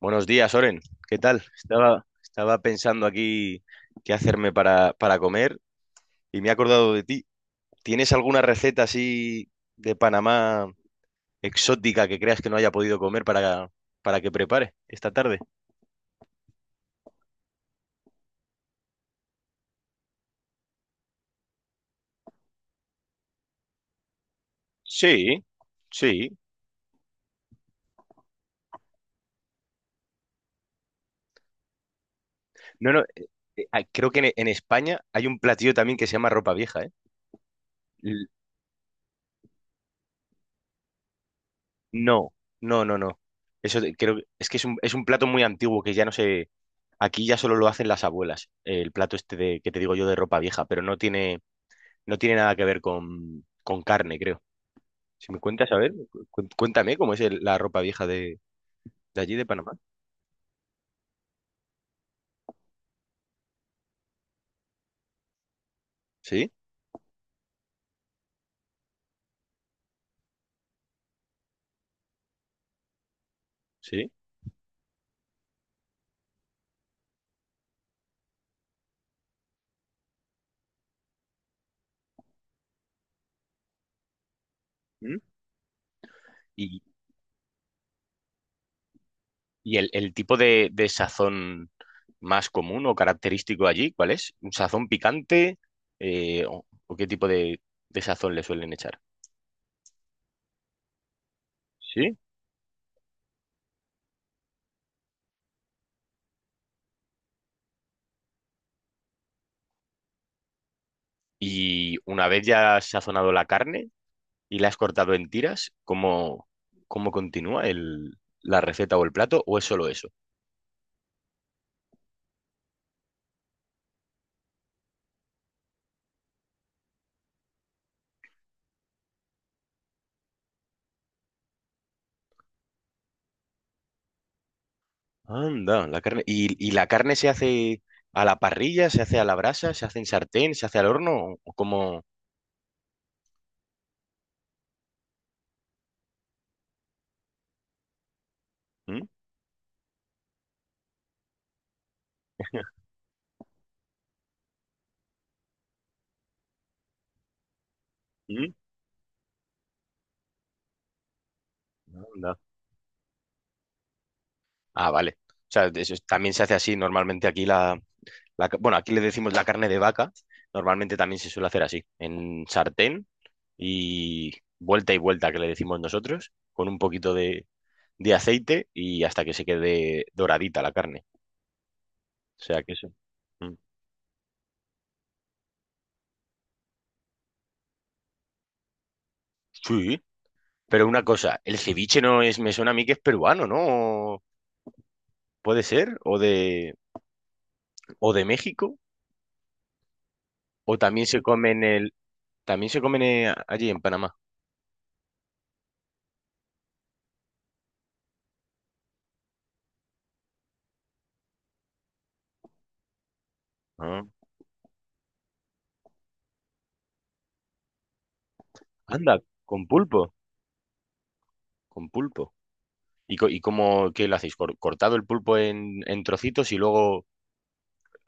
Buenos días, Oren. ¿Qué tal? Estaba pensando aquí qué hacerme para comer y me he acordado de ti. ¿Tienes alguna receta así de Panamá exótica que creas que no haya podido comer para que prepare esta tarde? Sí, sí. No, no, creo que en, España hay un platillo también que se llama ropa vieja, ¿eh? No, no, no, no. Creo que es que es un plato muy antiguo que ya no sé. Aquí ya solo lo hacen las abuelas. El plato este de, que te digo yo de ropa vieja, pero no tiene nada que ver con carne, creo. Si me cuentas, a ver, cuéntame cómo es la ropa vieja de allí, de Panamá. Sí, sí. ¿Mm? Y, y el, tipo de sazón más común o característico allí, ¿cuál es? ¿Un sazón picante? ¿O qué tipo de sazón le suelen echar? Sí. Y una vez ya has sazonado la carne y la has cortado en tiras, ¿cómo continúa la receta o el plato? ¿O es solo eso? Anda, la carne. ¿Y la carne se hace a la parrilla, se hace a la brasa, se hace en sartén, se hace al horno? ¿O cómo? ¿Mm? ¿Mm? Anda. Ah, vale. O sea, de eso, también se hace así. Normalmente aquí bueno, aquí le decimos la carne de vaca. Normalmente también se suele hacer así, en sartén y y vuelta, que le decimos nosotros, con un poquito de aceite y hasta que se quede doradita la carne. O sea que eso. Mm. Sí, pero una cosa, el ceviche no es, me suena a mí que es peruano, ¿no? Puede ser, o de México, o también se come también se comen allí en Panamá. Ah, anda, con pulpo, con pulpo. ¿Y cómo, qué lo hacéis? ¿Cortado el pulpo en, trocitos y luego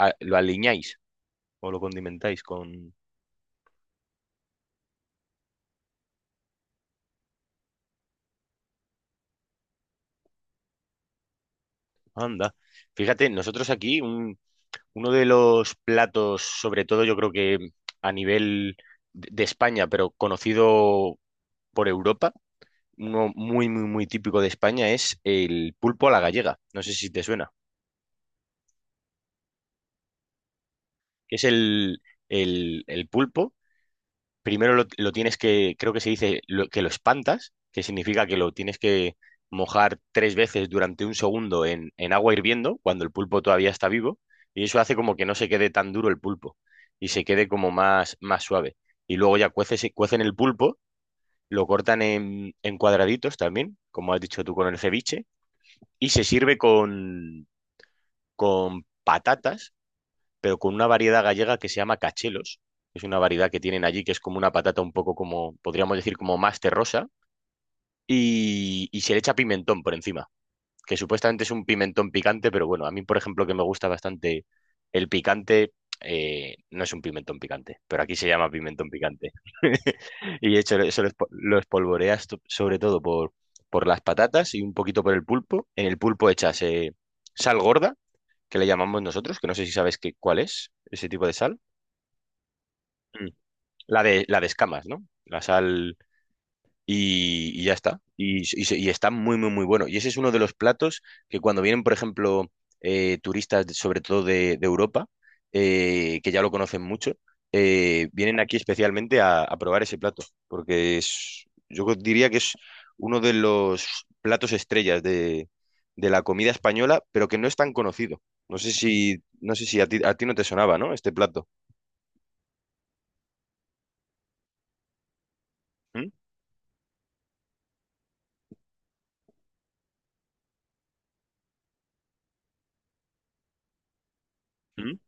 lo aliñáis o lo condimentáis con. Anda. Fíjate, nosotros aquí uno de los platos, sobre todo yo creo que a nivel de España, pero conocido por Europa, uno muy, muy, muy típico de España es el pulpo a la gallega. No sé si te suena. Que es el, el pulpo. Primero lo, tienes que, creo que se dice que lo espantas, que significa que lo tienes que mojar tres veces durante un segundo en agua hirviendo, cuando el pulpo todavía está vivo, y eso hace como que no se quede tan duro el pulpo y se quede como más, más suave. Y luego ya cueces, cuecen el pulpo, lo cortan en, cuadraditos también, como has dicho tú con el ceviche, y se sirve con patatas pero con una variedad gallega que se llama cachelos. Es una variedad que tienen allí que es como una patata un poco como, podríamos decir, como más terrosa. Y se le echa pimentón por encima, que supuestamente es un pimentón picante, pero bueno, a mí, por ejemplo, que me gusta bastante el picante, no es un pimentón picante, pero aquí se llama pimentón picante. Y de hecho, eso lo espolvoreas sobre todo por las patatas y un poquito por el pulpo. En el pulpo echas sal gorda, que le llamamos nosotros, que no sé si sabes qué, cuál es ese tipo de sal. Mm. La de escamas, ¿no? La sal y ya está. Y está muy, muy, muy bueno. Y ese es uno de los platos que cuando vienen, por ejemplo, turistas, sobre todo de Europa, que ya lo conocen mucho, vienen aquí especialmente a probar ese plato, porque es, yo diría que es uno de los platos estrellas de, la comida española, pero que no es tan conocido. No sé si a ti no te sonaba, ¿no? Este plato. ¿Mm? ¿Mm?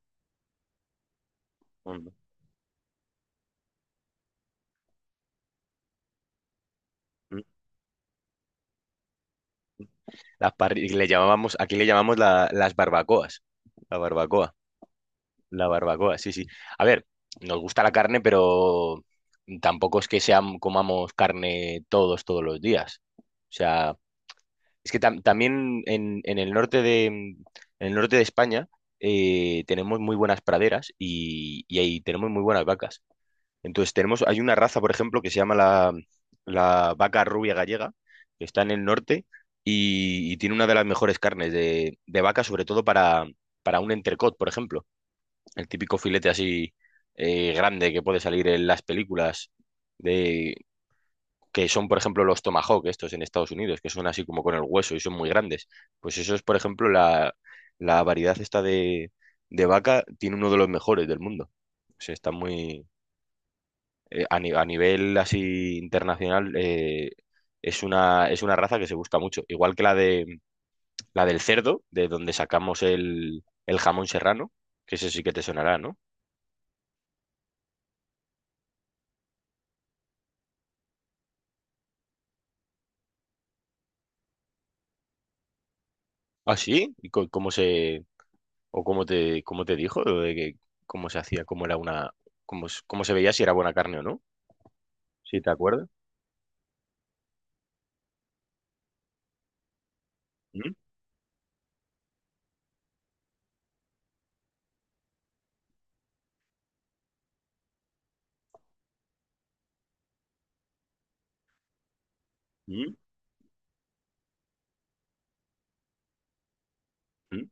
¿Mm? Le llamábamos, aquí le llamamos las barbacoas. La barbacoa. La barbacoa, sí, sí. A ver, nos gusta la carne, pero tampoco es que comamos carne todos los días. O sea, es que también en el norte de España tenemos muy buenas praderas y ahí tenemos muy buenas vacas. Entonces tenemos, hay una raza, por ejemplo, que se llama la, vaca rubia gallega, que está en el norte y tiene una de las mejores carnes de vaca, sobre todo para un entrecot, por ejemplo. El típico filete así grande que puede salir en las películas de, que son, por ejemplo, los tomahawk, estos en Estados Unidos, que son así como con el hueso y son muy grandes. Pues eso es, por ejemplo, la, variedad esta de vaca tiene uno de los mejores del mundo. O sea, está muy, a, ni- a nivel así internacional, es una, raza que se busca mucho. Igual que la del cerdo, de donde sacamos el jamón serrano, que ese sí que te sonará, ¿no? ¿Ah, sí? ¿Y cómo se, o cómo te dijo lo de que cómo se hacía, cómo era una, cómo se veía si era buena carne o no? Si te acuerdas. ¿Mm? ¿Mm? ¿Mm?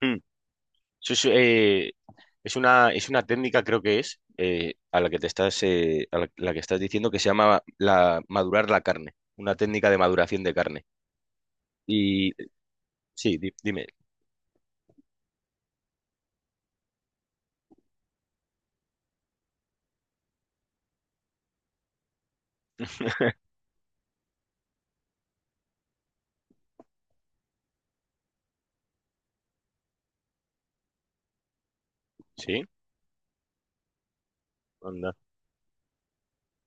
¿Mm? Eso es, es una técnica, creo que es, a la que te estás, a la que estás diciendo que se llama madurar la carne, una técnica de maduración de carne. Y sí, dime, sí, anda.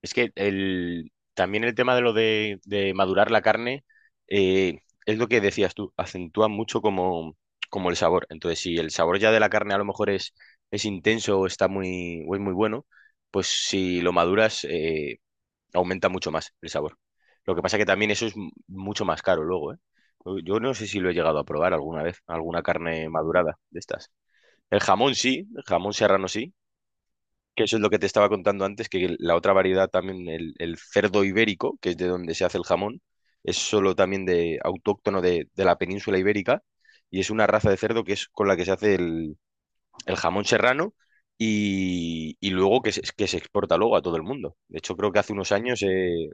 Es que también el tema de lo de madurar la carne, eh, es lo que decías tú, acentúa mucho como el sabor. Entonces, si el sabor ya de la carne a lo mejor es intenso o o es muy bueno, pues si lo maduras, aumenta mucho más el sabor. Lo que pasa que también eso es mucho más caro luego, ¿eh? Yo no sé si lo he llegado a probar alguna vez, alguna carne madurada de estas. El jamón sí, el jamón serrano sí, que eso es lo que te estaba contando antes, que la otra variedad también, el, cerdo ibérico, que es de donde se hace el jamón, es solo también de autóctono de la península ibérica y es una raza de cerdo que es con la que se hace el jamón serrano y luego que se exporta luego a todo el mundo. De hecho, creo que hace unos años, eh,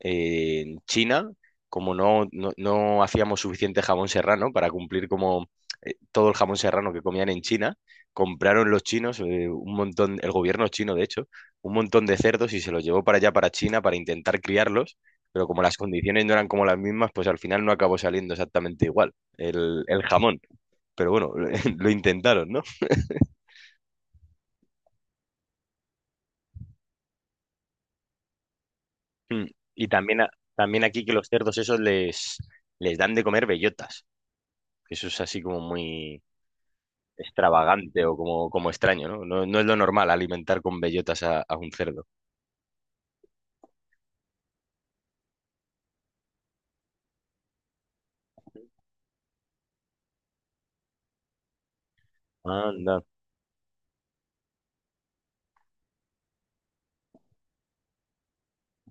eh, en China, como no hacíamos suficiente jamón serrano para cumplir como todo el jamón serrano que comían en China, compraron los chinos un montón, el gobierno chino de hecho, un montón de cerdos y se los llevó para allá, para China, para intentar criarlos, pero como las condiciones no eran como las mismas, pues al final no acabó saliendo exactamente igual el, jamón. Pero bueno, lo intentaron, ¿no? Mm. Y también, también aquí que los cerdos esos les dan de comer bellotas, que eso es así como muy, extravagante o como extraño, ¿no? No, no es lo normal alimentar con bellotas a un cerdo. Anda,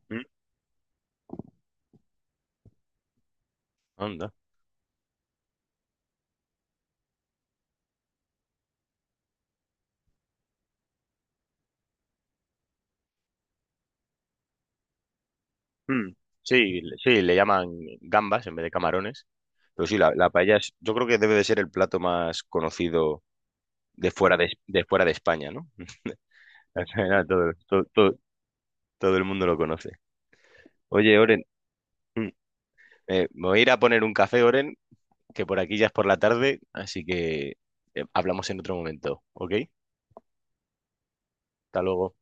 mm, anda. Mm. Sí, le llaman gambas en vez de camarones. Pero sí, la, paella yo creo que debe de ser el plato más conocido de fuera de fuera de España, ¿no? Al final todo el mundo lo conoce. Oye, Oren, mm, me voy a ir a poner un café, Oren, que por aquí ya es por la tarde, así que hablamos en otro momento, ¿ok? Hasta luego.